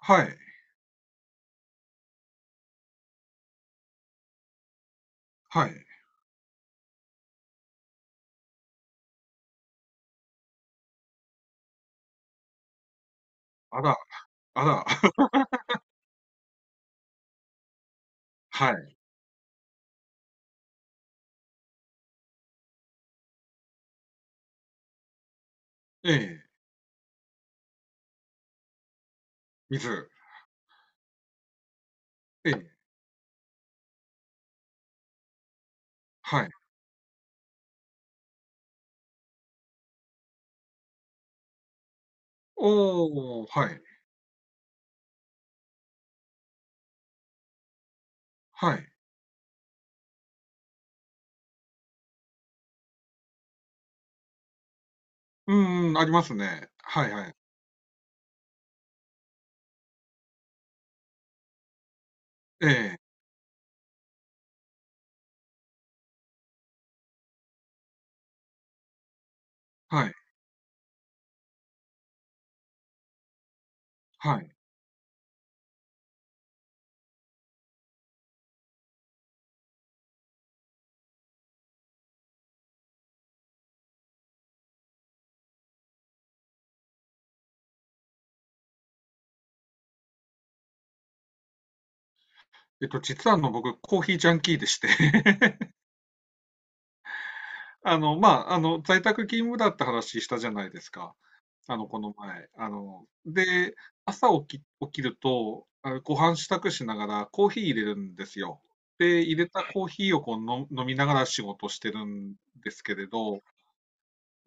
はい、はい。あら、あら、はい。ええ、水。ええ、はい。おお、はい、はい。うんん、ありますね。はいはい。ええ、はい、はい。実は僕、コーヒージャンキーでして まあ、在宅勤務だって話したじゃないですか。この前。で、朝起きると、あ、ご飯支度しながらコーヒー入れるんですよ。で、入れたコーヒーをこう、飲みながら仕事してるんですけれど、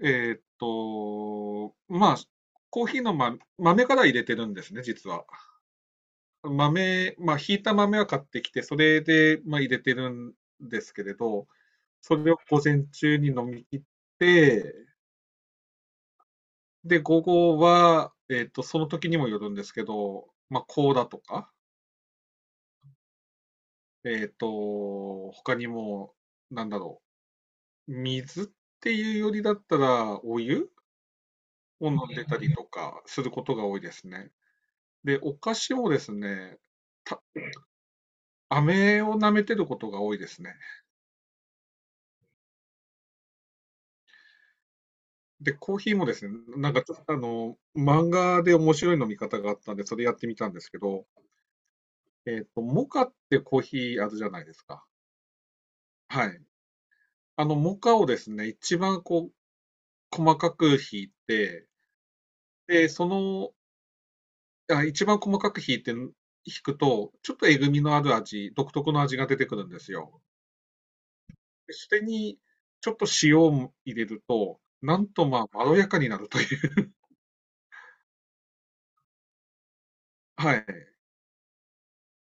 まあ、コーヒーの、ま、豆から入れてるんですね、実は。豆、まあ、ひいた豆は買ってきて、それで、まあ、入れてるんですけれど、それを午前中に飲み切って、で、午後は、その時にもよるんですけど、まあ、コーラとか、他にも、なんだろう、水っていうよりだったら、お湯を飲んでたりとかすることが多いですね。で、お菓子をですね、た飴を舐めてることが多いですね。で、コーヒーもですね、なんかちょっと漫画で面白い飲み方があったんで、それやってみたんですけど、モカってコーヒーあるじゃないですか。はい。モカをですね、一番こう、細かくひいて、で、その、あ、一番細かくひいて、ひくと、ちょっとえぐみのある味、独特の味が出てくるんですよ。でそれにちょっと塩を入れると、なんとまあ、まろやかになるという。はい。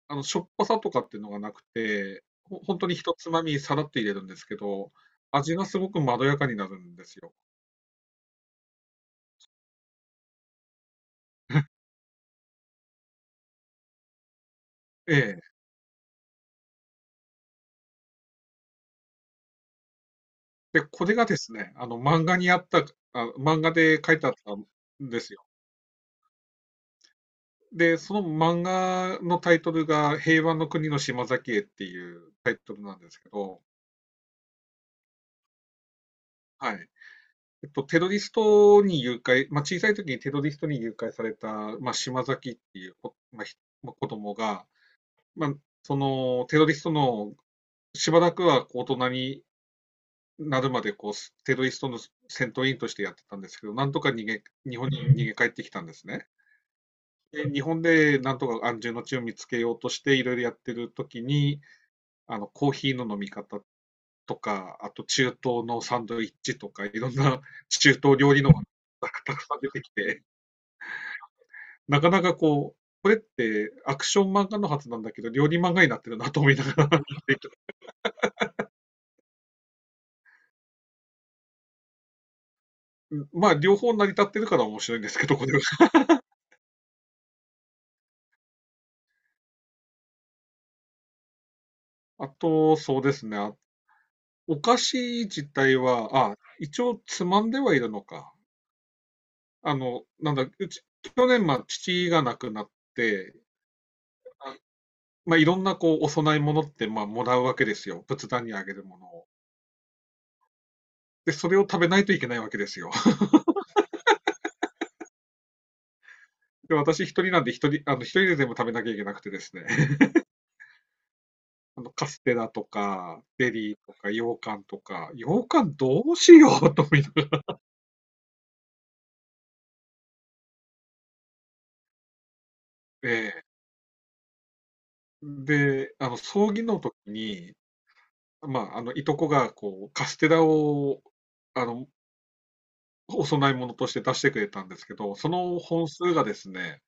しょっぱさとかっていうのがなくて、本当にひとつまみさらっと入れるんですけど、味がすごくまろやかになるんですよ。ええ。で、これがですね、漫画で書いてあったんですよ。で、その漫画のタイトルが、平和の国の島崎へっていうタイトルなんですけど、はい。テロリストに誘拐、まあ、小さい時にテロリストに誘拐された、まあ、島崎っていう、まあ、まあ子供が、まあ、そのテロリストのしばらくはこう大人になるまでこうテロリストの戦闘員としてやってたんですけど、なんとか逃げ、日本に逃げ帰ってきたんですね。で、日本でなんとか安住の地を見つけようとしていろいろやってる時に、あのコーヒーの飲み方とか、あと中東のサンドイッチとか、いろんな中東料理のがたくさん出てきて、なかなかこう、これってアクション漫画のはずなんだけど、料理漫画になってるなと思いながら まあ、両方成り立ってるから面白いんですけど、これは。あと、そうですね。お菓子自体は、あ、一応つまんではいるのか。なんだ、うち、去年、まあ、父が亡くなって、あまあ、いろんなこう、お供え物って、まあ、もらうわけですよ。仏壇にあげるものを。で、それを食べないといけないわけですよ。で、私一人なんで、一人、一人で全部食べなきゃいけなくてですね。カステラとか、ゼリーとか、羊羹とか、羊羹どうしようと思いながら、で、で、葬儀の時に、まあ、いとこが、こう、カステラを、あの、お供え物として出してくれたんですけど、その本数がですね、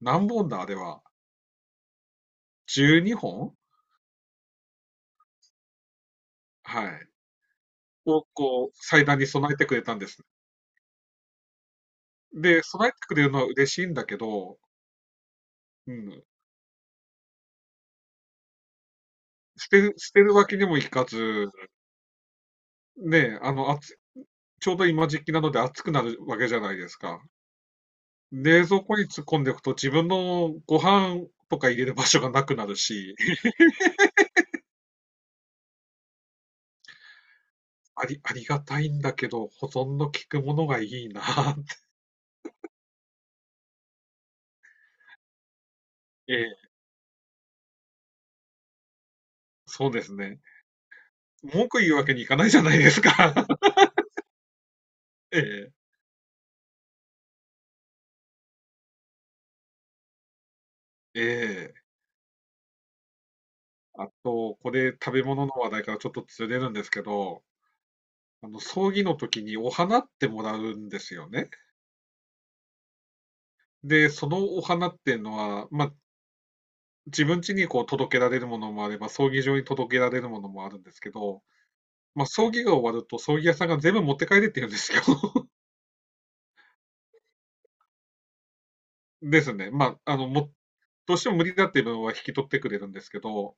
何本だ、あれは。12本。はい。を、こう、祭壇に備えてくれたんです。で、備えてくれるのは嬉しいんだけど、うん、捨てるわけにもいかず、ね、ちょうど今時期なので暑くなるわけじゃないですか。冷蔵庫に突っ込んでおくと自分のご飯とか入れる場所がなくなるし、ありがたいんだけど、保存の効くものがいいなって。ええ、そうですね。文句言うわけにいかないじゃないですか。ええ、ええ。あと、これ食べ物の話題からちょっとずれるんですけど、葬儀の時にお花ってもらうんですよね。で、そのお花っていうのは、まあ、自分家にこう届けられるものもあれば、葬儀場に届けられるものもあるんですけど、まあ、葬儀が終わると、葬儀屋さんが全部持って帰れって言うんですよ。ですね。まあ、どうしても無理だっていう分は引き取ってくれるんですけど、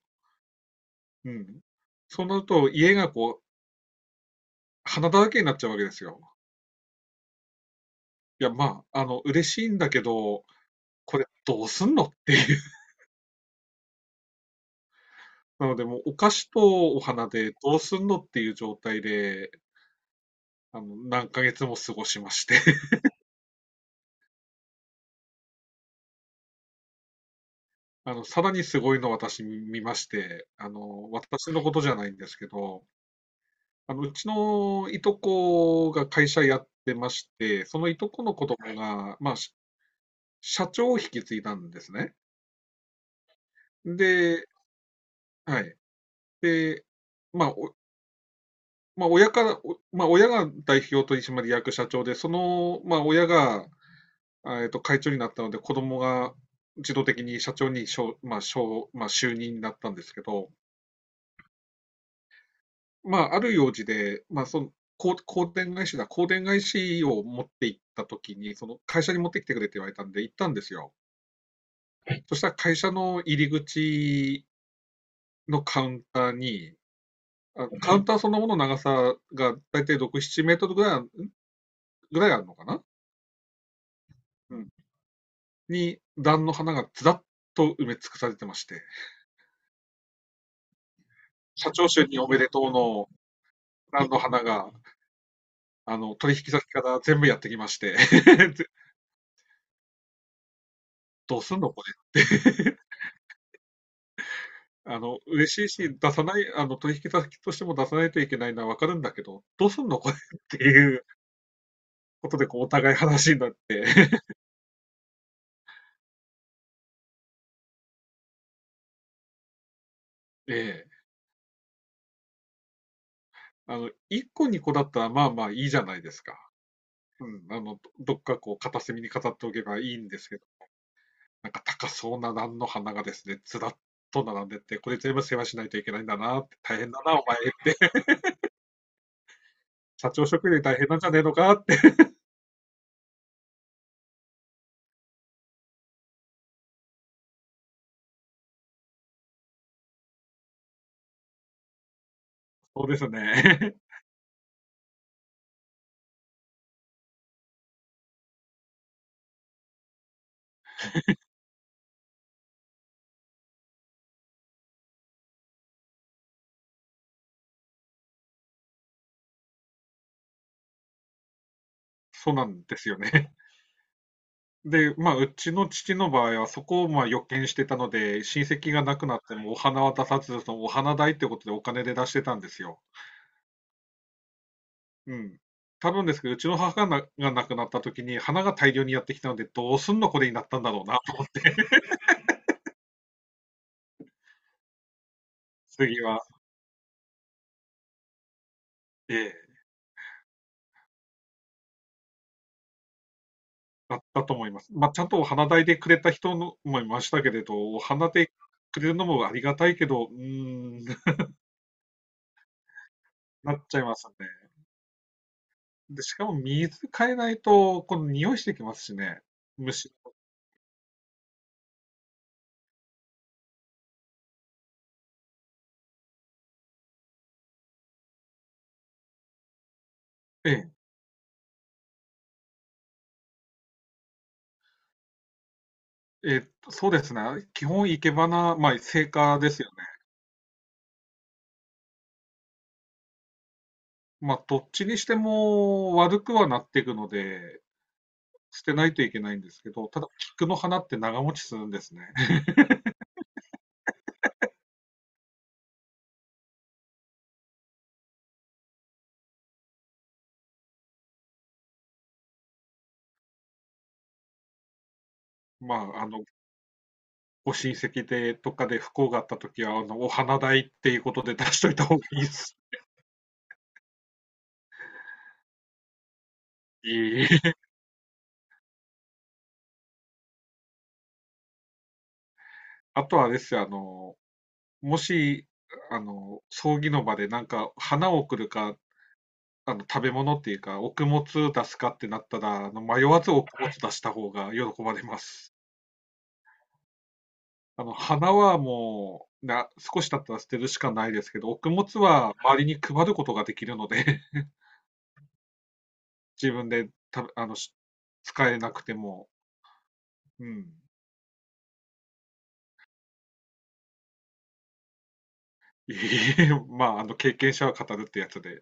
うん。そうなると、家がこう、花だらけになっちゃうわけですよ。いや、まあ、嬉しいんだけど、これどうすんのっていう。なので、もうお菓子とお花でどうすんのっていう状態で、何ヶ月も過ごしまして。さらにすごいの私見まして、私のことじゃないんですけど、うちのいとこが会社やってまして、そのいとこの子供が、まあ、社長を引き継いだんですね。で、はい。で、まあ、まあ、親から、まあ、親が代表取締役社長で、その、まあ、親が、会長になったので、子供が自動的に社長に、しょうまあ、しょうまあ、就任になったんですけど、まあ、ある用事で、まあ、その、こう香典返しを持って行った時に、その会社に持ってきてくれって言われたんで、行ったんですよ。そしたら会社の入り口のカウンターに、あカウンターそのものの長さが大体6、7メートルぐらいあるのかな、うんに、段の花がずらっと埋め尽くされてまして、社長就任おめでとうの段の花が、取引先から全部やってきまして、どうすんのこれって嬉しいし、出さない、あの、取引先としても出さないといけないのはわかるんだけど、どうすんのこれっていうことで、こう、お互い話になって、ええ、1個2個だったら、まあまあいいじゃないですか。うん、どっかこう、片隅に飾っておけばいいんですけど、なんか高そうな蘭の花がですね、ずらっと並んでって、これ全部世話しないといけないんだなって、大変だな、お前、社長職員で大変なんじゃねえのかって、そうですね。そうなんですよね。で、まあ、うちの父の場合はそこをまあ予見してたので、親戚が亡くなってもお花は出さず、そのお花代ってことでお金で出してたんですよ。うん。多分ですけど、うちの母が亡くなった時に花が大量にやってきたので、どうすんのこれになったんだろうなと思って、次は、ええ、だったと思います。まあ、ちゃんとお花代でくれた人のもいましたけれど、お花でくれるのもありがたいけど、うーん、なっちゃいますね。で、しかも水変えないと、この匂いしてきますしね。虫。ええそうですね。基本、生け花、まあ、生花ですよね。まあ、どっちにしても悪くはなっていくので、捨てないといけないんですけど、ただ、菊の花って長持ちするんですね。まあ、ご親戚で、とかで不幸があった時は、お花代っていうことで出しといた方がいいですし。あとはあれですよ、もし、葬儀の場でなんか、花を送るか、食べ物っていうか、お供物出すかってなったら、迷わずお供物出した方が喜ばれます。花はもう、少し経ったら捨てるしかないですけど、穀物つは周りに配ることができるので、自分で食べあの、し使えなくても、うん。いえいえ、まあ、経験者は語るってやつで。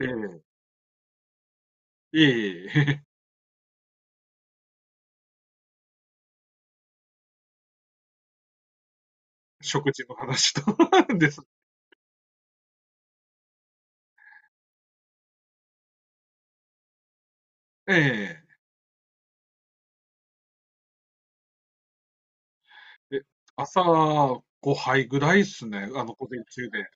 ええ。いえいえ 食事の話と です。ええ。え、朝5杯ぐらいですね、午前中で。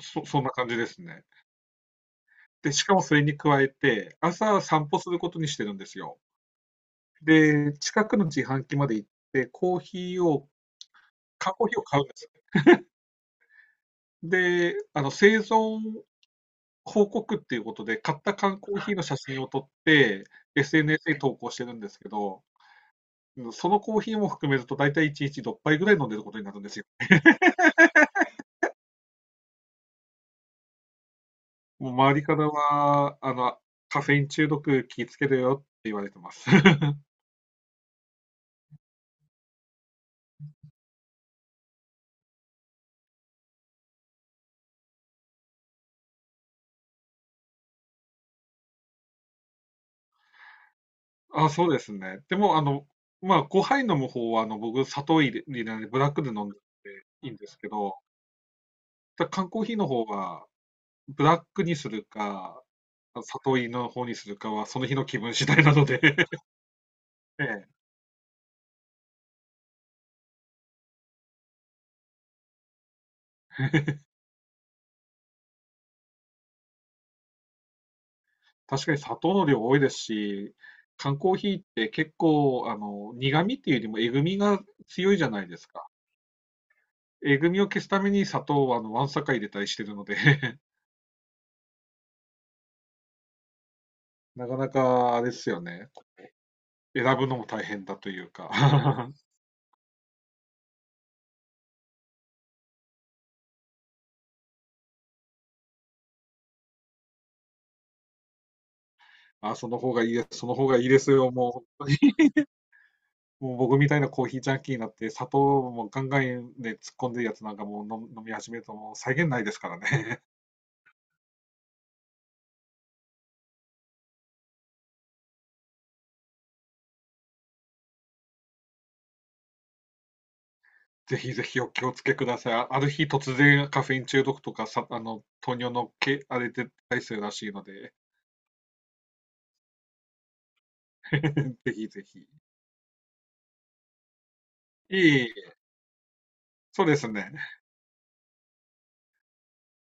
そんな感じですね。で、しかもそれに加えて、朝散歩することにしてるんですよ。で、近くの自販機まで行って、コーヒーを缶コーヒーを買うんですよ。で、生存報告っていうことで、買った缶コーヒーの写真を撮って、SNS に投稿してるんですけど、うん、そのコーヒーも含めると大体1日6杯ぐらい飲んでることになるんですよ。もう周りからは、カフェイン中毒気をつけるよって言われてます。あ、そうですね。でも、まあ、5杯飲む方は、僕、砂糖入れないでブラックで飲んでいいんですけど、ただ缶コーヒーの方はブラックにするか、里芋の方にするかは、その日の気分次第なので ええ、確かに砂糖の量多いですし、缶コーヒーって結構、苦味っていうよりもえぐみが強いじゃないですか。えぐみを消すために砂糖は、わんさか入れたりしてるので なかなか、あれですよね。選ぶのも大変だというか あ、その方がいいです、その方がいいですよ、もう、本当にもう僕みたいなコーヒージャンキーになって砂糖もガンガンで突っ込んでるやつなんかもう飲み始めるともう際限ないですからね。ぜひぜひお気をつけください。ある日突然カフェイン中毒とかさ、糖尿のけ、あれで出たりするらしいので、ぜひぜひ。いい、そうですね。